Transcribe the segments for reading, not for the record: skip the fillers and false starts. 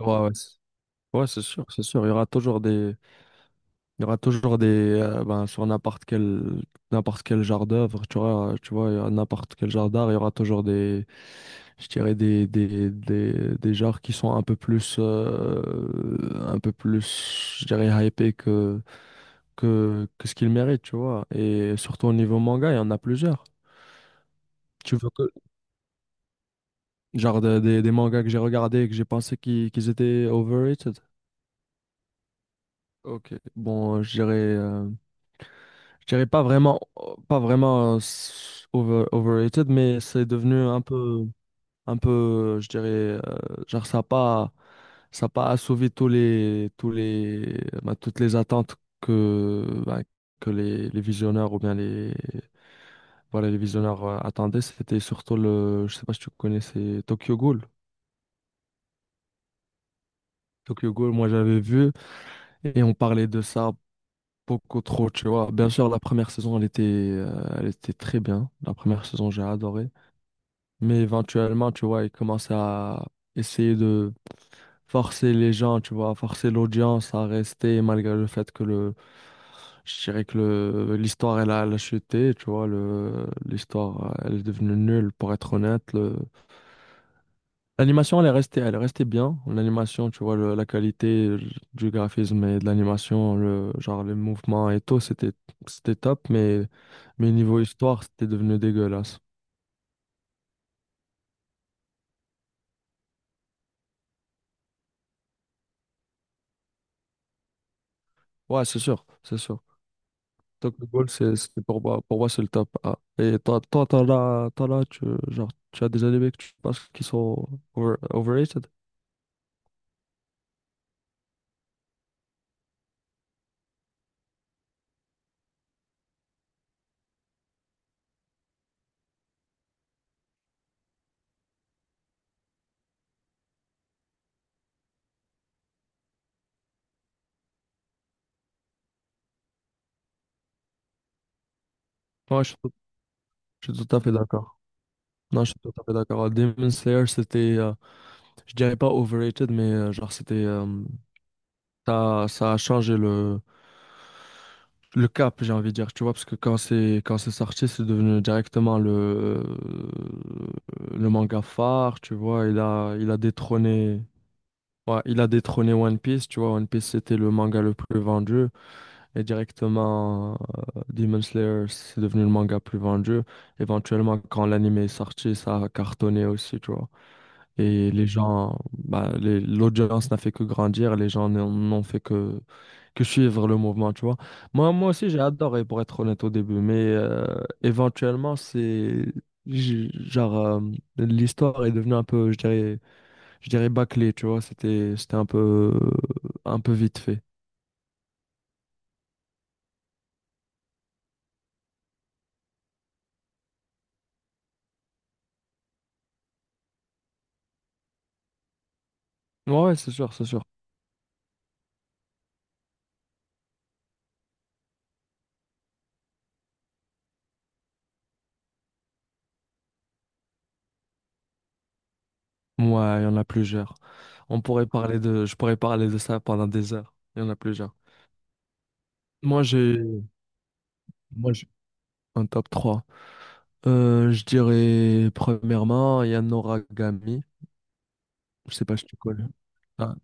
Ouais, ouais, c'est sûr, c'est sûr. Il y aura toujours des, il y aura toujours des, ben, sur n'importe quel genre d'œuvre, tu vois, il y a n'importe quel genre d'art, il y aura toujours je dirais des genres qui sont un peu plus, je dirais, hypés que ce qu'ils méritent, tu vois. Et surtout au niveau manga, il y en a plusieurs. Tu veux que, genre, de- des mangas que j'ai regardés et que j'ai pensé qu'ils étaient overrated. Ok, bon, je dirais pas vraiment, oh, pas vraiment overrated, mais c'est devenu un peu, je dirais, genre ça a pas assouvi toutes les attentes que, bah, que les visionneurs ou bien les visionneurs attendaient. C'était surtout je sais pas si tu connais, c'est Tokyo Ghoul. Tokyo Ghoul, moi j'avais vu et on parlait de ça beaucoup trop, tu vois. Bien sûr, la première saison, elle était très bien. La première saison, j'ai adoré. Mais éventuellement, tu vois, ils commencent à essayer de forcer les gens, tu vois, forcer l'audience à rester malgré le fait que je dirais que l'histoire, elle a chuté, tu vois, l'histoire, elle est devenue nulle, pour être honnête. L'animation, elle est restée bien. L'animation, tu vois, la qualité du graphisme et de l'animation, genre les mouvements et tout, c'était top, mais niveau histoire, c'était devenu dégueulasse. Ouais, c'est sûr, c'est sûr. Donc le goal, c'est pour moi c'est le top A. Et toi, toi, t'en as, tu, genre, tu as des animés que tu penses qui sont overrated? Ouais, je suis tout, je suis tout à fait d'accord. Non, je suis tout à fait d'accord. Demon Slayer, c'était, je dirais pas overrated, mais euh, genre, ça a changé le cap, j'ai envie de dire, tu vois, parce que quand c'est sorti, c'est devenu directement le manga phare, tu vois, il a détrôné, ouais, il a détrôné One Piece, tu vois, One Piece c'était le manga le plus vendu, et directement Demon Slayer, c'est devenu le manga le plus vendu. Éventuellement, quand l'anime est sorti, ça a cartonné aussi, tu vois. Et les gens, bah, l'audience n'a fait que grandir, les gens n'ont fait que suivre le mouvement, tu vois. Moi, moi aussi, j'ai adoré, pour être honnête au début, mais euh, éventuellement, j- genre, euh, l'histoire est devenue un peu, je dirais bâclée, tu vois. C'était un peu vite fait. Ouais, ouais, c'est sûr, c'est sûr. Ouais, il y en a plusieurs. On pourrait parler de, je pourrais parler de ça pendant des heures. Il y en a plusieurs. Moi, j'ai, moi, j'ai un top 3. Je dirais premièrement Yanoragami. Je sais pas si tu connais. Ah,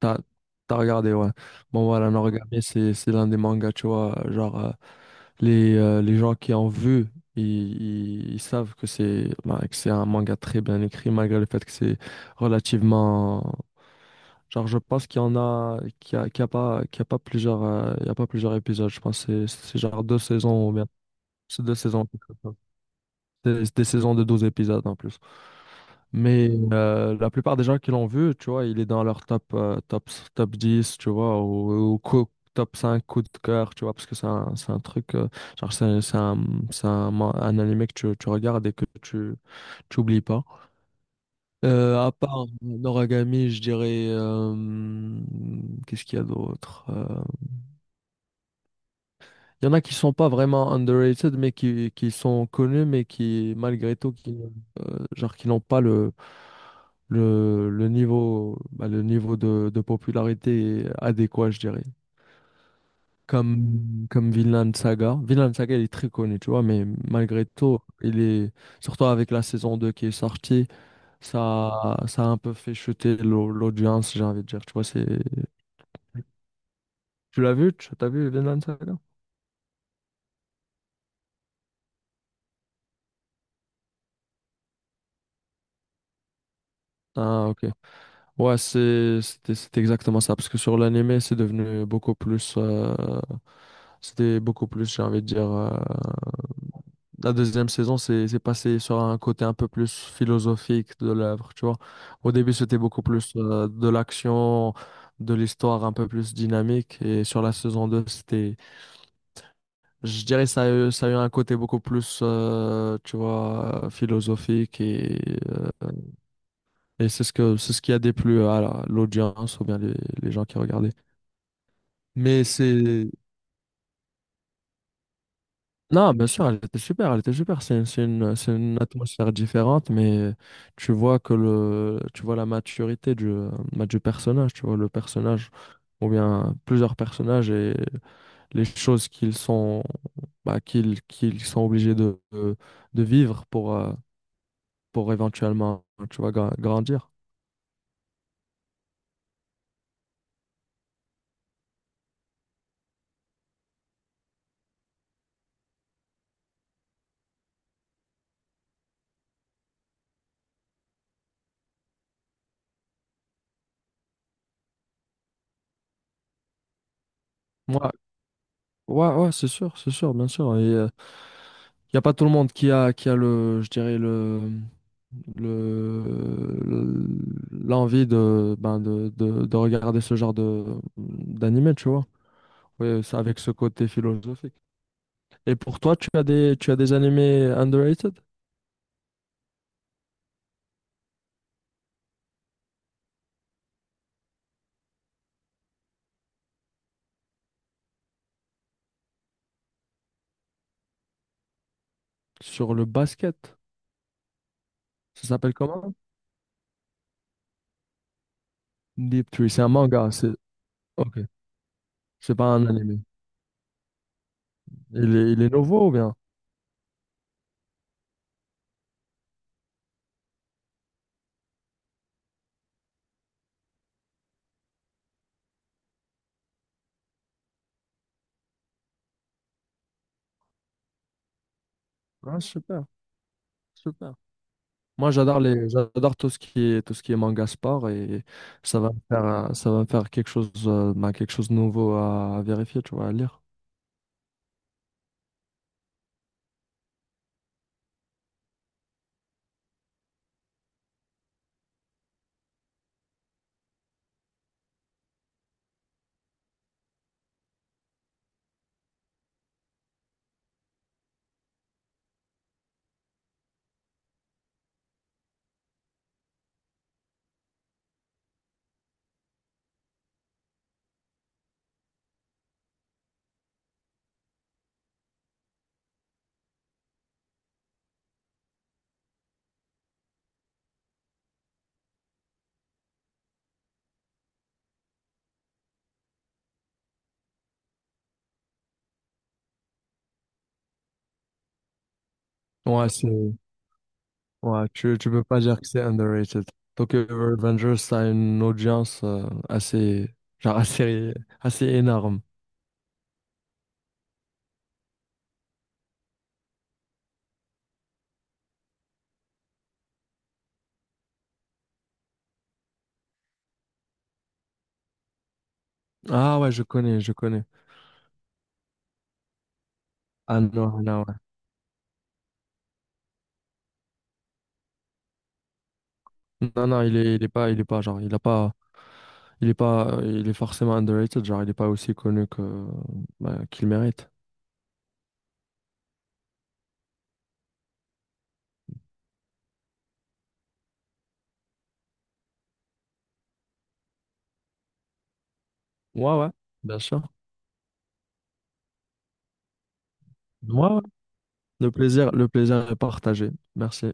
t'as, t'as regardé, ouais. Bon, voilà, Yanoragami, c'est l'un des mangas, tu vois. Genre, les gens qui en vu, ils savent que c'est bah, que c'est un manga très bien écrit, malgré le fait que c'est relativement. Genre, je pense qu'il y en a, qu'il y a, qu'il y a pas, qu'il y a pas plusieurs, il y a pas plusieurs épisodes. Je pense que c'est genre deux saisons ou bien. C'est deux saisons. C'est des saisons de 12 épisodes en plus. Mais la plupart des gens qui l'ont vu, tu vois, il est dans leur top 10 tu vois, ou, top 5 coup de cœur, tu vois, parce que c'est un truc, genre, c'est un, c'est un, c'est un, man- un animé que tu regardes et que tu oublies pas. À part Noragami, je dirais, qu'est-ce qu'il y a d'autre? Il y en a qui sont pas vraiment underrated, mais qui sont connus, mais qui, malgré tout, genre, qui n'ont pas le niveau, bah, le niveau de popularité adéquat, je dirais. Comme Vinland Saga. Vinland Saga, il est très connu, tu vois, mais malgré tout, surtout avec la saison 2 qui est sortie, ça a un peu fait chuter l'audience, j'ai envie de dire. Tu vois, c'est, tu l'as vu? Tu as vu Vinland Saga? Ah, ok. Ouais, c'était exactement ça parce que sur l'anime, c'est devenu beaucoup plus c'était beaucoup plus, j'ai envie de dire la deuxième saison, c'est passé sur un côté un peu plus philosophique de l'œuvre, tu vois. Au début, c'était beaucoup plus de l'action, de l'histoire un peu plus dynamique et sur la saison 2, c'était je dirais ça a eu un côté beaucoup plus tu vois, philosophique euh, et c'est ce qui a déplu à l'audience ou bien les gens qui regardaient. Mais c'est... Non, bien sûr, elle était super, elle était super. C'est une atmosphère différente, mais tu vois que tu vois la maturité du personnage, tu vois le personnage, ou bien plusieurs personnages et les choses qu'ils sont obligés de vivre pour éventuellement, tu vois, grandir. Ouais, ouais, c'est sûr, bien sûr. Et, il n'y a pas tout le monde qui a le, je dirais, le, le- l'envie de regarder ce genre d'animé, tu vois. Oui, ça avec ce côté philosophique. Et pour toi, tu as des animés underrated sur le basket. Ça s'appelle comment? Deep Tree. C'est un manga. C'est, ok. C'est pas un animé. Il est nouveau ou bien? Ah, super. Super. Moi, j'adore tout ce qui est, tout ce qui est manga sport et ça va me faire quelque chose, quelque chose de nouveau à vérifier, tu vois, à lire. Ouais, c'est, ouais, tu peux pas dire que c'est underrated. Tokyo Revengers, ça a une audience, assez, genre, assez, assez énorme. Ah ouais, je connais, je connais. Ah non, non, ouais. Non, non, il est pas, genre, il a pas, il est pas, il est forcément underrated, genre, il est pas aussi connu que, bah, qu'il mérite. Ouais, ouais, bien sûr. Ouais, ouais. Le plaisir est partagé. Merci.